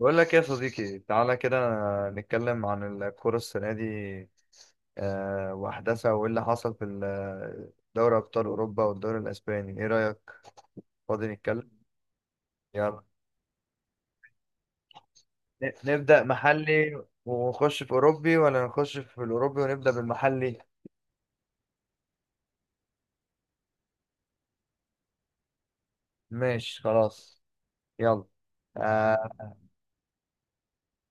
بقول لك إيه يا صديقي؟ تعالى كده نتكلم عن الكرة السنة دي، وأحداثها وإيه اللي حصل في دوري أبطال أوروبا والدوري الأسباني، إيه رأيك؟ فاضي نتكلم؟ يلا نبدأ محلي ونخش في أوروبي، ولا نخش في الأوروبي ونبدأ بالمحلي؟ ماشي، خلاص، يلا. آه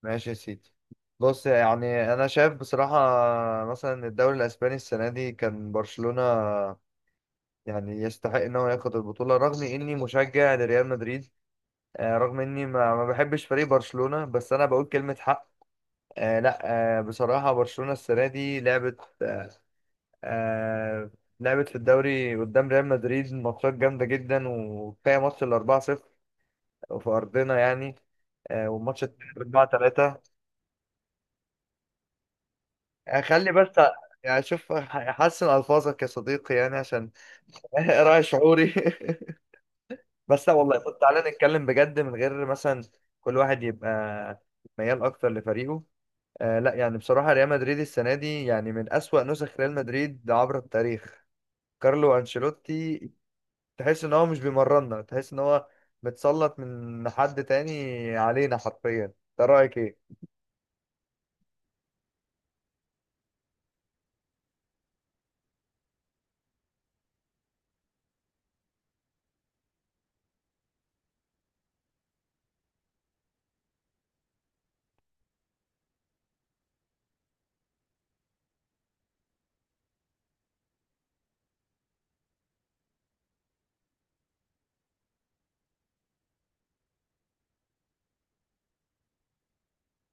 ماشي يا سيدي. بص، يعني أنا شايف بصراحة مثلا الدوري الأسباني السنة دي كان برشلونة يعني يستحق ان هو ياخد البطولة، رغم اني مشجع لريال مدريد. رغم اني ما بحبش فريق برشلونة، بس انا بقول كلمة حق. لا. بصراحة برشلونة السنة دي لعبت آه، آه، لعبت في الدوري قدام ريال مدريد ماتشات جامدة جدا، وكفاية ماتش ال 4-0 في ارضنا يعني. والماتش 4-3، خلي بس. يعني شوف حسن الفاظك يا صديقي، يعني عشان راعي شعوري بس لا والله، طب تعالى نتكلم بجد من غير مثلا كل واحد يبقى ميال اكتر لفريقه. لا، يعني بصراحة ريال مدريد السنة دي يعني من أسوأ نسخ ريال مدريد عبر التاريخ. كارلو أنشيلوتي، تحس ان هو مش بيمرنا، تحس ان هو متسلط من حد تاني علينا حرفيا. انت رأيك ايه؟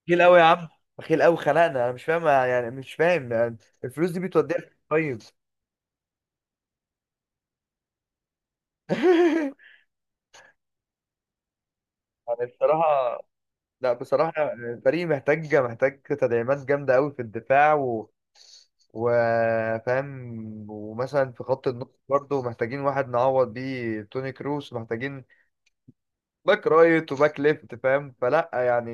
بخيل قوي يا عم، بخيل قوي خلقنا. انا مش فاهم يعني، مش فاهم يعني الفلوس دي بتوديها فين طيب؟ يعني بصراحة، لا بصراحة الفريق محتاج تدعيمات جامدة أوي في الدفاع و... وفاهم. ومثلا في خط النص برضه محتاجين واحد نعوض بيه توني كروس. محتاجين باك رايت وباك ليفت، فاهم؟ فلا يعني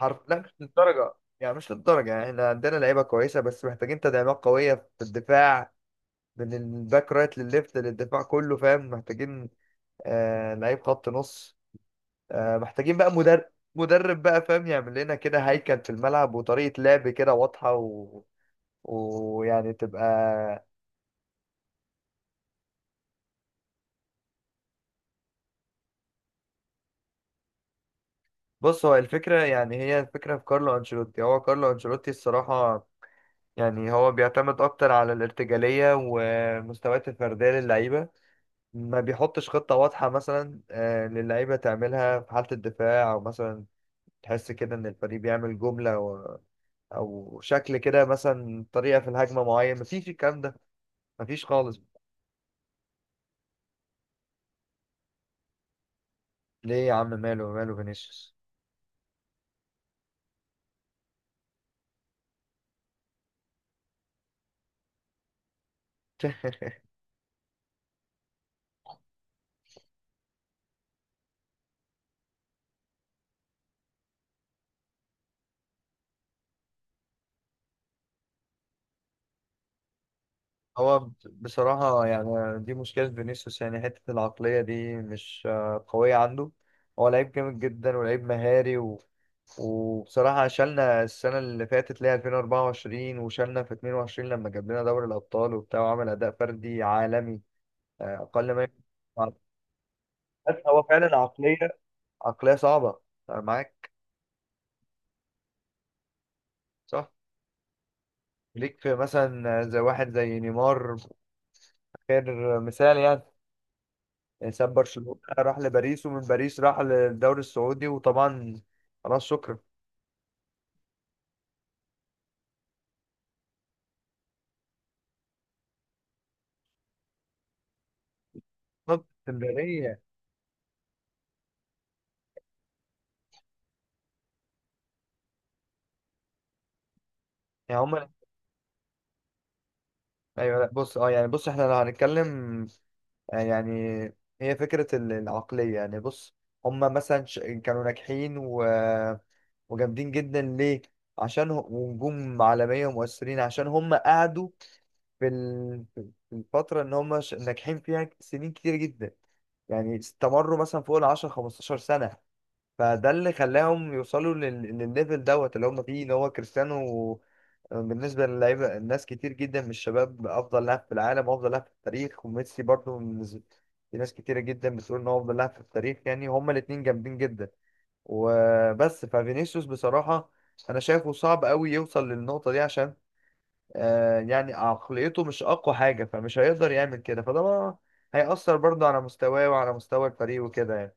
حرف لا، مش للدرجة يعني، مش للدرجة. يعني احنا عندنا لعيبة كويسة بس محتاجين تدعيمات قوية في الدفاع، من الباك رايت للليفت للدفاع كله، فاهم؟ محتاجين لعيب خط نص. محتاجين بقى مدرب، مدرب بقى، فاهم؟ يعمل لنا كده هيكل في الملعب وطريقة لعب كده واضحة و... ويعني تبقى. بص هو الفكرة، يعني هي الفكرة في كارلو أنشيلوتي، هو كارلو أنشيلوتي الصراحة يعني هو بيعتمد أكتر على الارتجالية والمستويات الفردية للعيبة. ما بيحطش خطة واضحة مثلا للعيبة تعملها في حالة الدفاع، أو مثلا تحس كده إن الفريق بيعمل جملة و... أو شكل كده، مثلا طريقة في الهجمة معين، مفيش الكلام ده، مفيش خالص. ليه يا عم؟ ماله ماله فينيسيوس؟ هو بصراحة يعني دي مشكلة فينيسيوس، يعني حتة العقلية دي مش قوية عنده. هو لعيب جامد جدا، ولعيب مهاري و... وبصراحة شالنا السنة اللي فاتت اللي هي 2024، وشالنا في 22 لما جاب لنا دوري الأبطال وبتاع، وعمل أداء فردي عالمي أقل ما يكون. بس هو فعلا عقلية، عقلية صعبة. أنا معاك، صح. ليك في مثلا زي واحد زي نيمار، خير مثال يعني. ساب برشلونة راح لباريس، ومن باريس راح للدوري السعودي، وطبعا خلاص شكرا. طب اسكندرية؟ يعني هما ايوه، لا بص، اه يعني بص احنا لو هنتكلم، يعني هي فكرة العقلية. يعني بص، هما مثلا كانوا ناجحين و... وجامدين جدا، ليه؟ عشان هم ونجوم عالمية ومؤثرين، عشان هما قعدوا في الفترة ان هما ناجحين فيها سنين كتير جدا. يعني استمروا مثلا فوق ال 10 15 سنة. فده اللي خلاهم يوصلوا للليفل دوت اللي هم فيه، ان هو كريستيانو بالنسبه للعيبه، الناس كتير جدا من الشباب افضل لاعب في العالم وافضل لاعب في التاريخ، وميسي برضو في ناس كتيره جدا بتقول ان هو افضل لاعب في التاريخ. يعني هما الاتنين جامدين جدا وبس. ففينيسيوس بصراحه انا شايفه صعب قوي يوصل للنقطه دي، عشان يعني عقليته مش اقوى حاجه، فمش هيقدر يعمل كده. فده بقى هيأثر برضه على مستواه وعلى مستوى الفريق وكده يعني.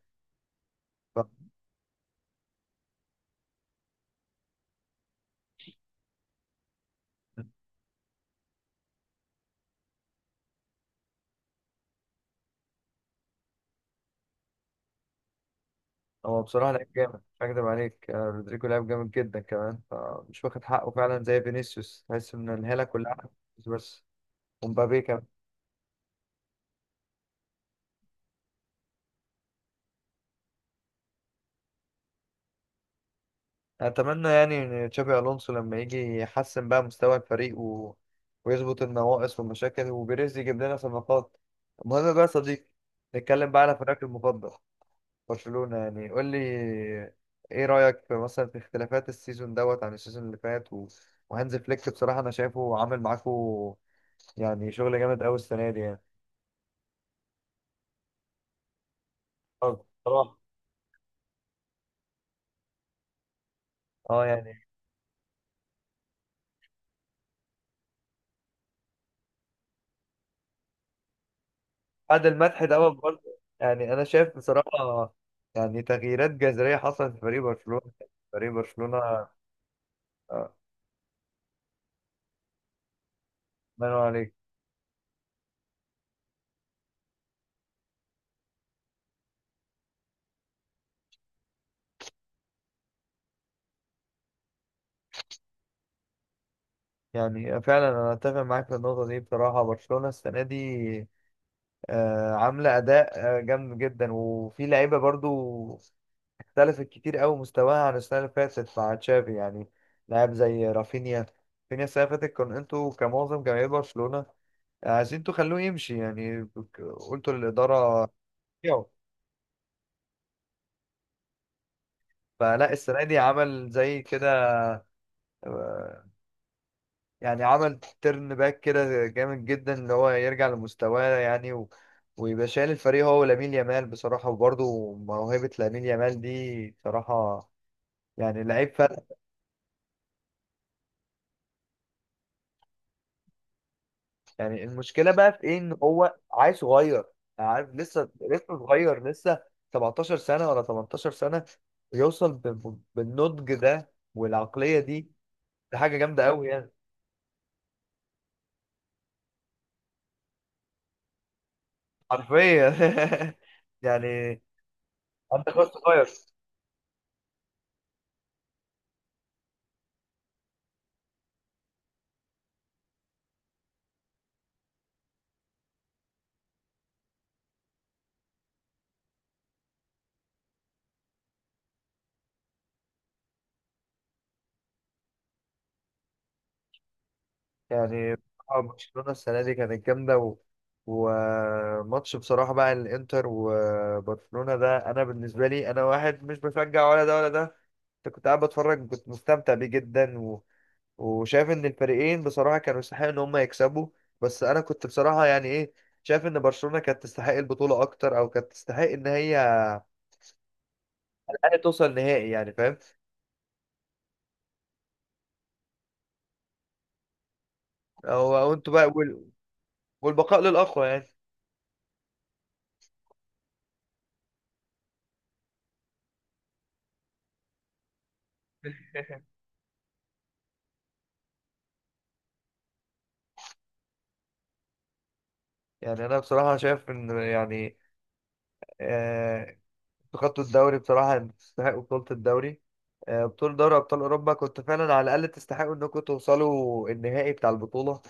هو بصراحة لعيب جامد، مش هكدب عليك. رودريجو لعيب جامد جدا كمان، فمش واخد حقه فعلا زي فينيسيوس، تحس ان الهالة كلها على فينيسيوس بس، ومبابي كمان. اتمنى يعني ان تشابي الونسو لما يجي يحسن بقى مستوى الفريق و... ويظبط النواقص والمشاكل، وبيريز يجيب لنا صفقات. المهم بقى يا صديقي، نتكلم بقى على فريقك المفضل برشلونة. يعني قول لي ايه رأيك في مثلا في اختلافات السيزون دوت عن السيزون اللي فات و... وهانز فليك؟ بصراحة انا شايفه عامل معاكو يعني شغل جامد قوي السنه دي يعني. اه بصراحه، اه يعني بعد المدح ده برضه، يعني انا شايف بصراحه يعني تغييرات جذريه حصلت في فريق برشلونه. فريق برشلونه، آه، ما ينور عليك. يعني فعلا انا اتفق معاك في النقطه دي، بصراحه برشلونه السنه دي عامله اداء جامد جدا. وفي لعيبه برضو اختلفت كتير قوي مستواها عن السنه اللي فاتت مع تشافي، يعني لاعب زي رافينيا. رافينيا السنه اللي فاتت كان انتوا كمعظم جماهير برشلونه عايزين انتوا خلوه يمشي يعني، قلتوا للإدارة. يو. فلا السنة دي عمل زي كده، آه، يعني عمل ترن باك كده جامد جدا اللي هو يرجع لمستواه يعني و... ويبقى شايل الفريق هو ولامين يامال بصراحة. وبرضه موهبة لامين يامال دي بصراحة يعني لعيب فلت. يعني المشكلة بقى في ايه؟ ان هو عيل صغير يعني، عارف لسه، لسه صغير، لسه 17 سنة ولا 18 سنة. يوصل بالنضج ده والعقلية دي، دي حاجه جامده قوي يعني. حرفيا يعني انت كوست فاير. يعني بصراحة برشلونه السنه دي كانت جامده و... وماتش بصراحه بقى الانتر وبرشلونه ده، انا بالنسبه لي انا واحد مش بشجع ولا ده ولا ده. كنت قاعد بتفرج، كنت مستمتع بيه جدا و... وشايف ان الفريقين بصراحه كانوا يستحقوا ان هم يكسبوا. بس انا كنت بصراحه يعني ايه، شايف ان برشلونه كانت تستحق البطوله اكتر، او كانت تستحق ان هي على الأقل توصل نهائي، يعني فاهم؟ هو انتوا بقى، والبقاء للأقوى يعني. يعني أنا بصراحة شايف إن يعني آه، أنتوا خدتوا الدوري بصراحة، يعني تستحقوا بطولة الدوري. بطولة دوري أبطال أوروبا كنتوا فعلا على الأقل تستحقوا إنكم توصلوا النهائي بتاع البطولة.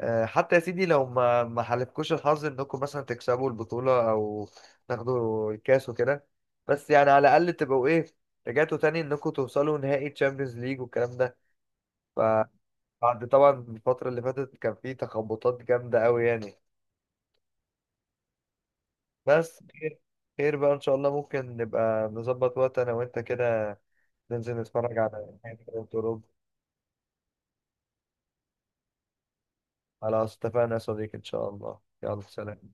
حتى يا سيدي لو ما حالفكوش الحظ إنكم مثلا تكسبوا البطولة أو تاخدوا الكاس وكده. بس يعني على الأقل تبقوا إيه، رجعتوا تاني إنكم توصلوا نهائي تشامبيونز ليج والكلام ده، فبعد طبعا الفترة اللي فاتت كان في تخبطات جامدة أوي يعني. بس خير، خير بقى ان شاء الله. ممكن نبقى نظبط وقت انا وانت كده، ننزل نتفرج على نهائي كرة اوروبا. على اتفقنا يا صديقي، ان شاء الله، يلا سلام.